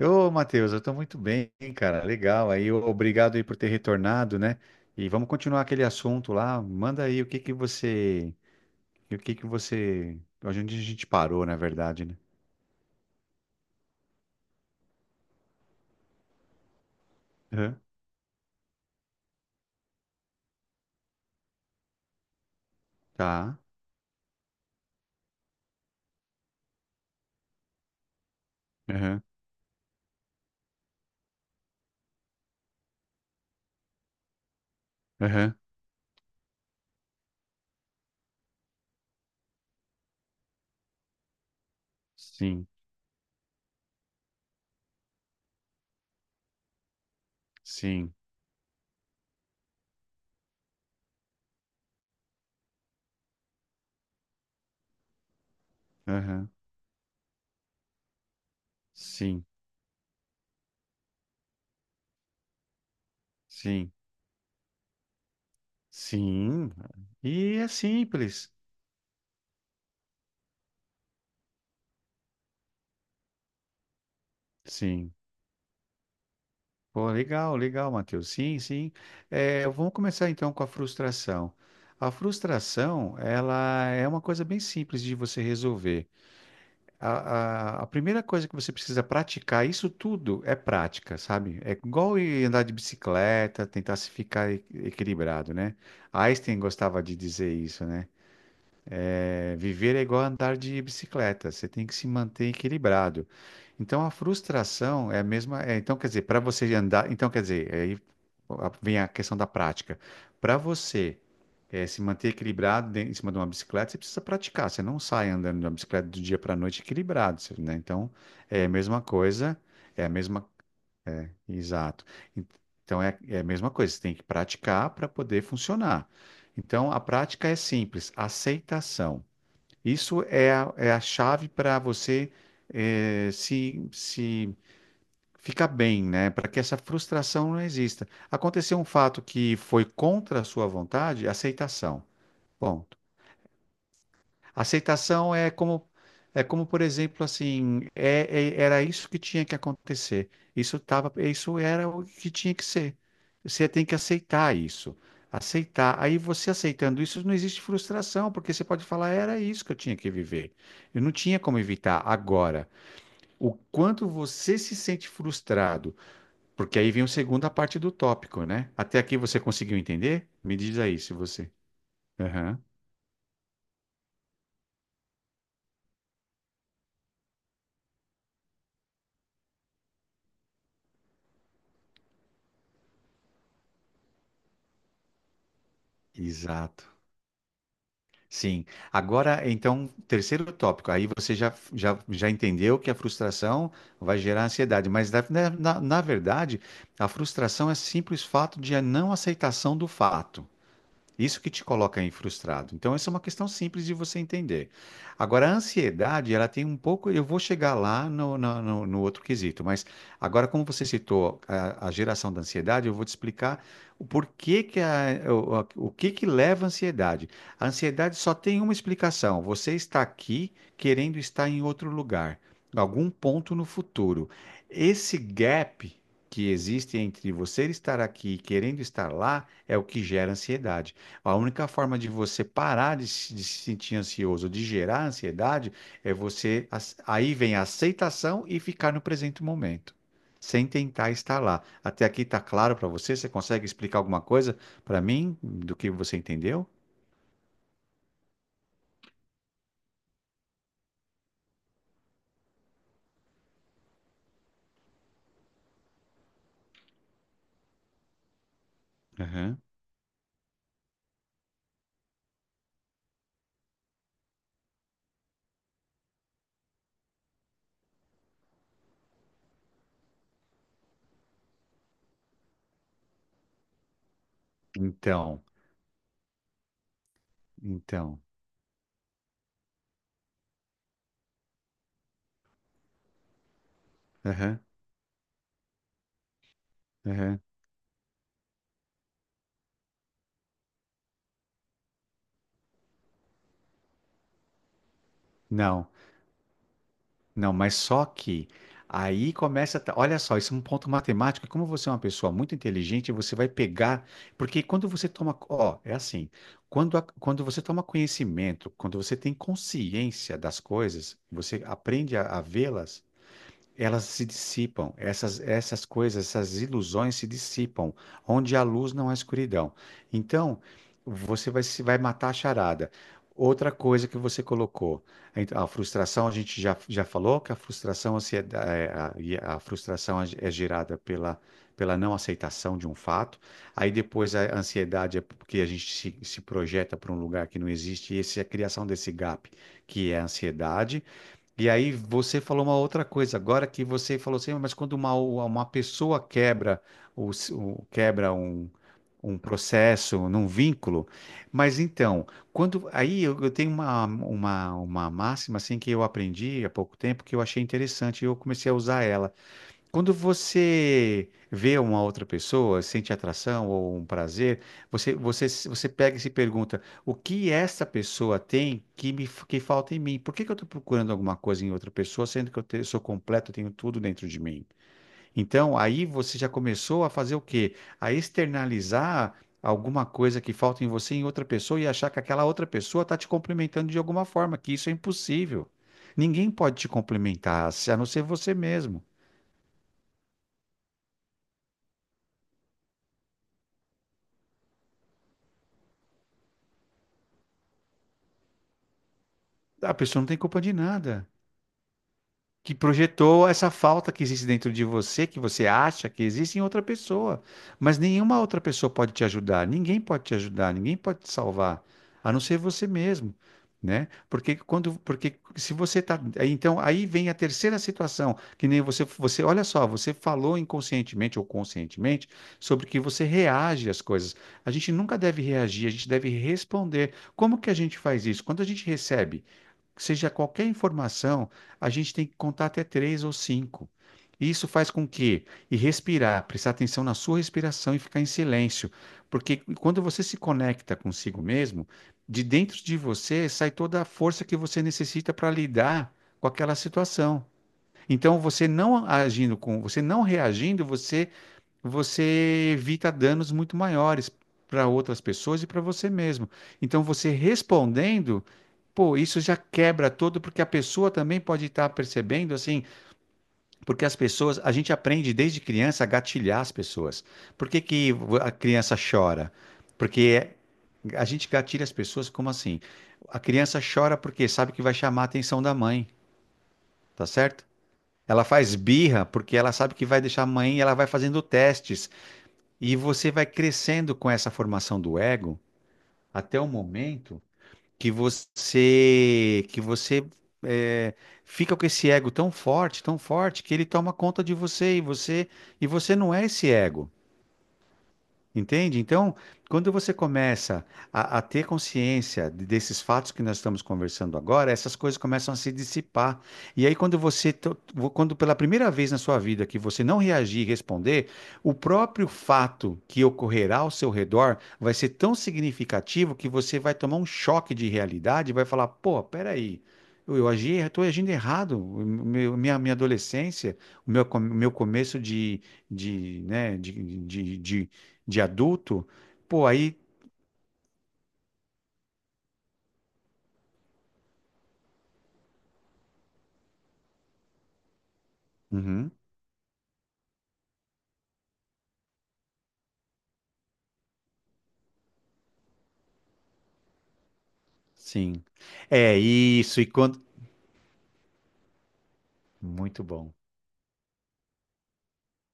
Ô, Matheus, eu tô muito bem, cara. Legal. Aí, ô, obrigado aí por ter retornado, né? E vamos continuar aquele assunto lá. Manda aí o que que você, onde a gente parou, na verdade, né? Aham. Tá. Aham. Aham. Sim. Sim. Aham. Sim. Sim. Sim. E é simples. Sim. Pô, legal, legal, Matheus. Sim, sim. É, vamos começar então com a frustração. A frustração, ela é uma coisa bem simples de você resolver. A primeira coisa que você precisa praticar, isso tudo é prática, sabe? É igual ir andar de bicicleta, tentar se ficar equilibrado, né? Einstein gostava de dizer isso, né? É, viver é igual a andar de bicicleta, você tem que se manter equilibrado. Então a frustração é a mesma, é, então quer dizer, para você andar, então quer dizer, aí vem a questão da prática. Para você se manter equilibrado em cima de uma bicicleta, você precisa praticar, você não sai andando de uma bicicleta do dia para a noite equilibrado, você- né? Então é a mesma coisa, é a mesma, exato. En- Então é a mesma coisa, você tem que praticar para poder funcionar. Então a prática é simples: aceitação. Isso é é a chave para você se ficar bem, né? Para que essa frustração não exista. Aconteceu um fato que foi contra a sua vontade: aceitação. Ponto. Aceitação é como, por exemplo, assim, era isso que tinha que acontecer. Isso tava, isso era o que tinha que ser. Você tem que aceitar isso. Aceitar. Aí você aceitando isso, não existe frustração, porque você pode falar: era isso que eu tinha que viver. Eu não tinha como evitar. Agora, o quanto você se sente frustrado, porque aí vem a segunda parte do tópico, né? Até aqui você conseguiu entender? Me diz aí se você. Aham. Exato. Sim. Agora, então, terceiro tópico. Aí você já entendeu que a frustração vai gerar ansiedade, mas na verdade, a frustração é simples fato de a não aceitação do fato. Isso que te coloca aí frustrado. Então, essa é uma questão simples de você entender. Agora, a ansiedade, ela tem um pouco. Eu vou chegar lá no outro quesito, mas agora, como você citou a geração da ansiedade, eu vou te explicar o porquê que o que que leva à ansiedade. A ansiedade só tem uma explicação: você está aqui querendo estar em outro lugar, em algum ponto no futuro. Esse gap que existe entre você estar aqui e querendo estar lá é o que gera ansiedade. A única forma de você parar de se sentir ansioso, de gerar ansiedade, é você. Aí vem a aceitação e ficar no presente momento, sem tentar estar lá. Até aqui está claro para você? Você consegue explicar alguma coisa para mim do que você entendeu? Aham. Então, então. Aham, aham. Não. Não, mas só que aí começa. Olha só, isso é um ponto matemático. Como você é uma pessoa muito inteligente, você vai pegar. Porque quando você toma. Ó, é assim. Quando, quando você toma conhecimento, quando você tem consciência das coisas, você aprende a vê-las, elas se dissipam, essas coisas, essas ilusões se dissipam. Onde há luz, não há escuridão. Então, você vai, vai matar a charada. Outra coisa que você colocou, a frustração, a gente já falou que a frustração, a frustração é gerada pela não aceitação de um fato. Aí depois a ansiedade é porque a gente se projeta para um lugar que não existe, e essa é a criação desse gap, que é a ansiedade. E aí você falou uma outra coisa, agora que você falou assim, mas quando uma pessoa quebra, quebra um processo, num vínculo, mas então, quando aí eu tenho uma máxima assim que eu aprendi há pouco tempo que eu achei interessante e eu comecei a usar ela. Quando você vê uma outra pessoa, sente atração ou um prazer, você pega e se pergunta: o que essa pessoa tem que me que falta em mim? Por que que eu estou procurando alguma coisa em outra pessoa, sendo que eu sou completo, eu tenho tudo dentro de mim? Então, aí você já começou a fazer o quê? A externalizar alguma coisa que falta em você em outra pessoa e achar que aquela outra pessoa está te complementando de alguma forma, que isso é impossível. Ninguém pode te complementar, a não ser você mesmo. A pessoa não tem culpa de nada. Que projetou essa falta que existe dentro de você, que você acha que existe em outra pessoa. Mas nenhuma outra pessoa pode te ajudar. Ninguém pode te ajudar, ninguém pode te salvar, a não ser você mesmo, né? Porque quando, porque se você tá, aí, então aí vem a terceira situação, que nem você, você, olha só, você falou inconscientemente ou conscientemente sobre que você reage às coisas. A gente nunca deve reagir, a gente deve responder. Como que a gente faz isso? Quando a gente recebe que seja qualquer informação, a gente tem que contar até três ou cinco. Isso faz com que, e respirar, prestar atenção na sua respiração e ficar em silêncio, porque quando você se conecta consigo mesmo, de dentro de você sai toda a força que você necessita para lidar com aquela situação. Então, você não agindo com, você não reagindo, você evita danos muito maiores para outras pessoas e para você mesmo. Então, você respondendo, pô, isso já quebra todo, porque a pessoa também pode estar percebendo, assim, porque as pessoas, a gente aprende desde criança a gatilhar as pessoas. Por que que a criança chora? Porque a gente gatilha as pessoas como assim? A criança chora porque sabe que vai chamar a atenção da mãe, tá certo? Ela faz birra porque ela sabe que vai deixar a mãe, e ela vai fazendo testes e você vai crescendo com essa formação do ego até o momento que você eh, fica com esse ego tão forte que ele toma conta de você e você não é esse ego. Entende? Então, quando você começa a ter consciência desses fatos que nós estamos conversando agora, essas coisas começam a se dissipar. E aí, quando quando pela primeira vez na sua vida que você não reagir e responder, o próprio fato que ocorrerá ao seu redor vai ser tão significativo que você vai tomar um choque de realidade e vai falar: pô, peraí. Eu agi, estou agindo errado. O minha adolescência, o meu, meu começo de, né, de, de de adulto, pô, aí. Uhum, sim. É isso. E quando. Muito bom.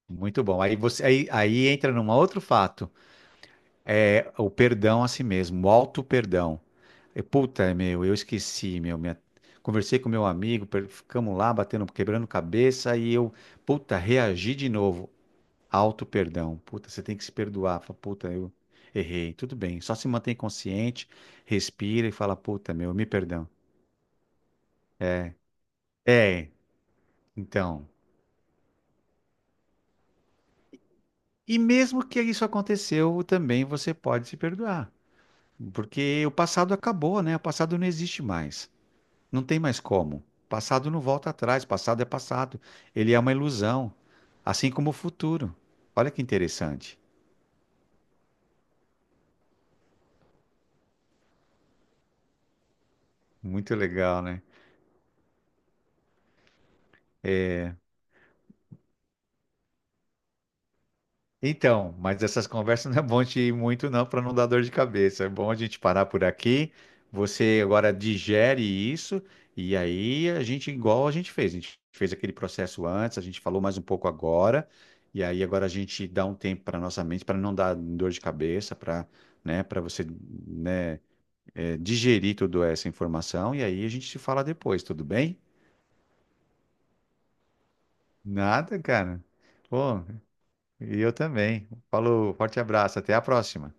Muito bom. Aí aí entra num outro fato. É o perdão a si mesmo, o auto-perdão. E puta, é meu, eu esqueci, meu. Conversei com meu amigo, ficamos lá batendo, quebrando cabeça e eu, puta, reagi de novo. Auto-perdão. Puta, você tem que se perdoar. Fala, puta, eu errei. Tudo bem. Só se mantém consciente, respira e fala, puta, meu, me perdão. É, então. E mesmo que isso aconteceu, também você pode se perdoar, porque o passado acabou, né? O passado não existe mais. Não tem mais como. O passado não volta atrás, o passado é passado. Ele é uma ilusão, assim como o futuro. Olha que interessante. Muito legal, né? Então, mas essas conversas não é bom te ir muito, não, para não dar dor de cabeça. É bom a gente parar por aqui. Você agora digere isso, e aí a gente, igual a gente fez aquele processo antes, a gente falou mais um pouco agora, e aí agora a gente dá um tempo para nossa mente, para não dar dor de cabeça, para, né, para você, né, digerir toda essa informação, e aí a gente se fala depois, tudo bem? Nada, cara. Pô, e eu também. Falou, forte abraço, até a próxima.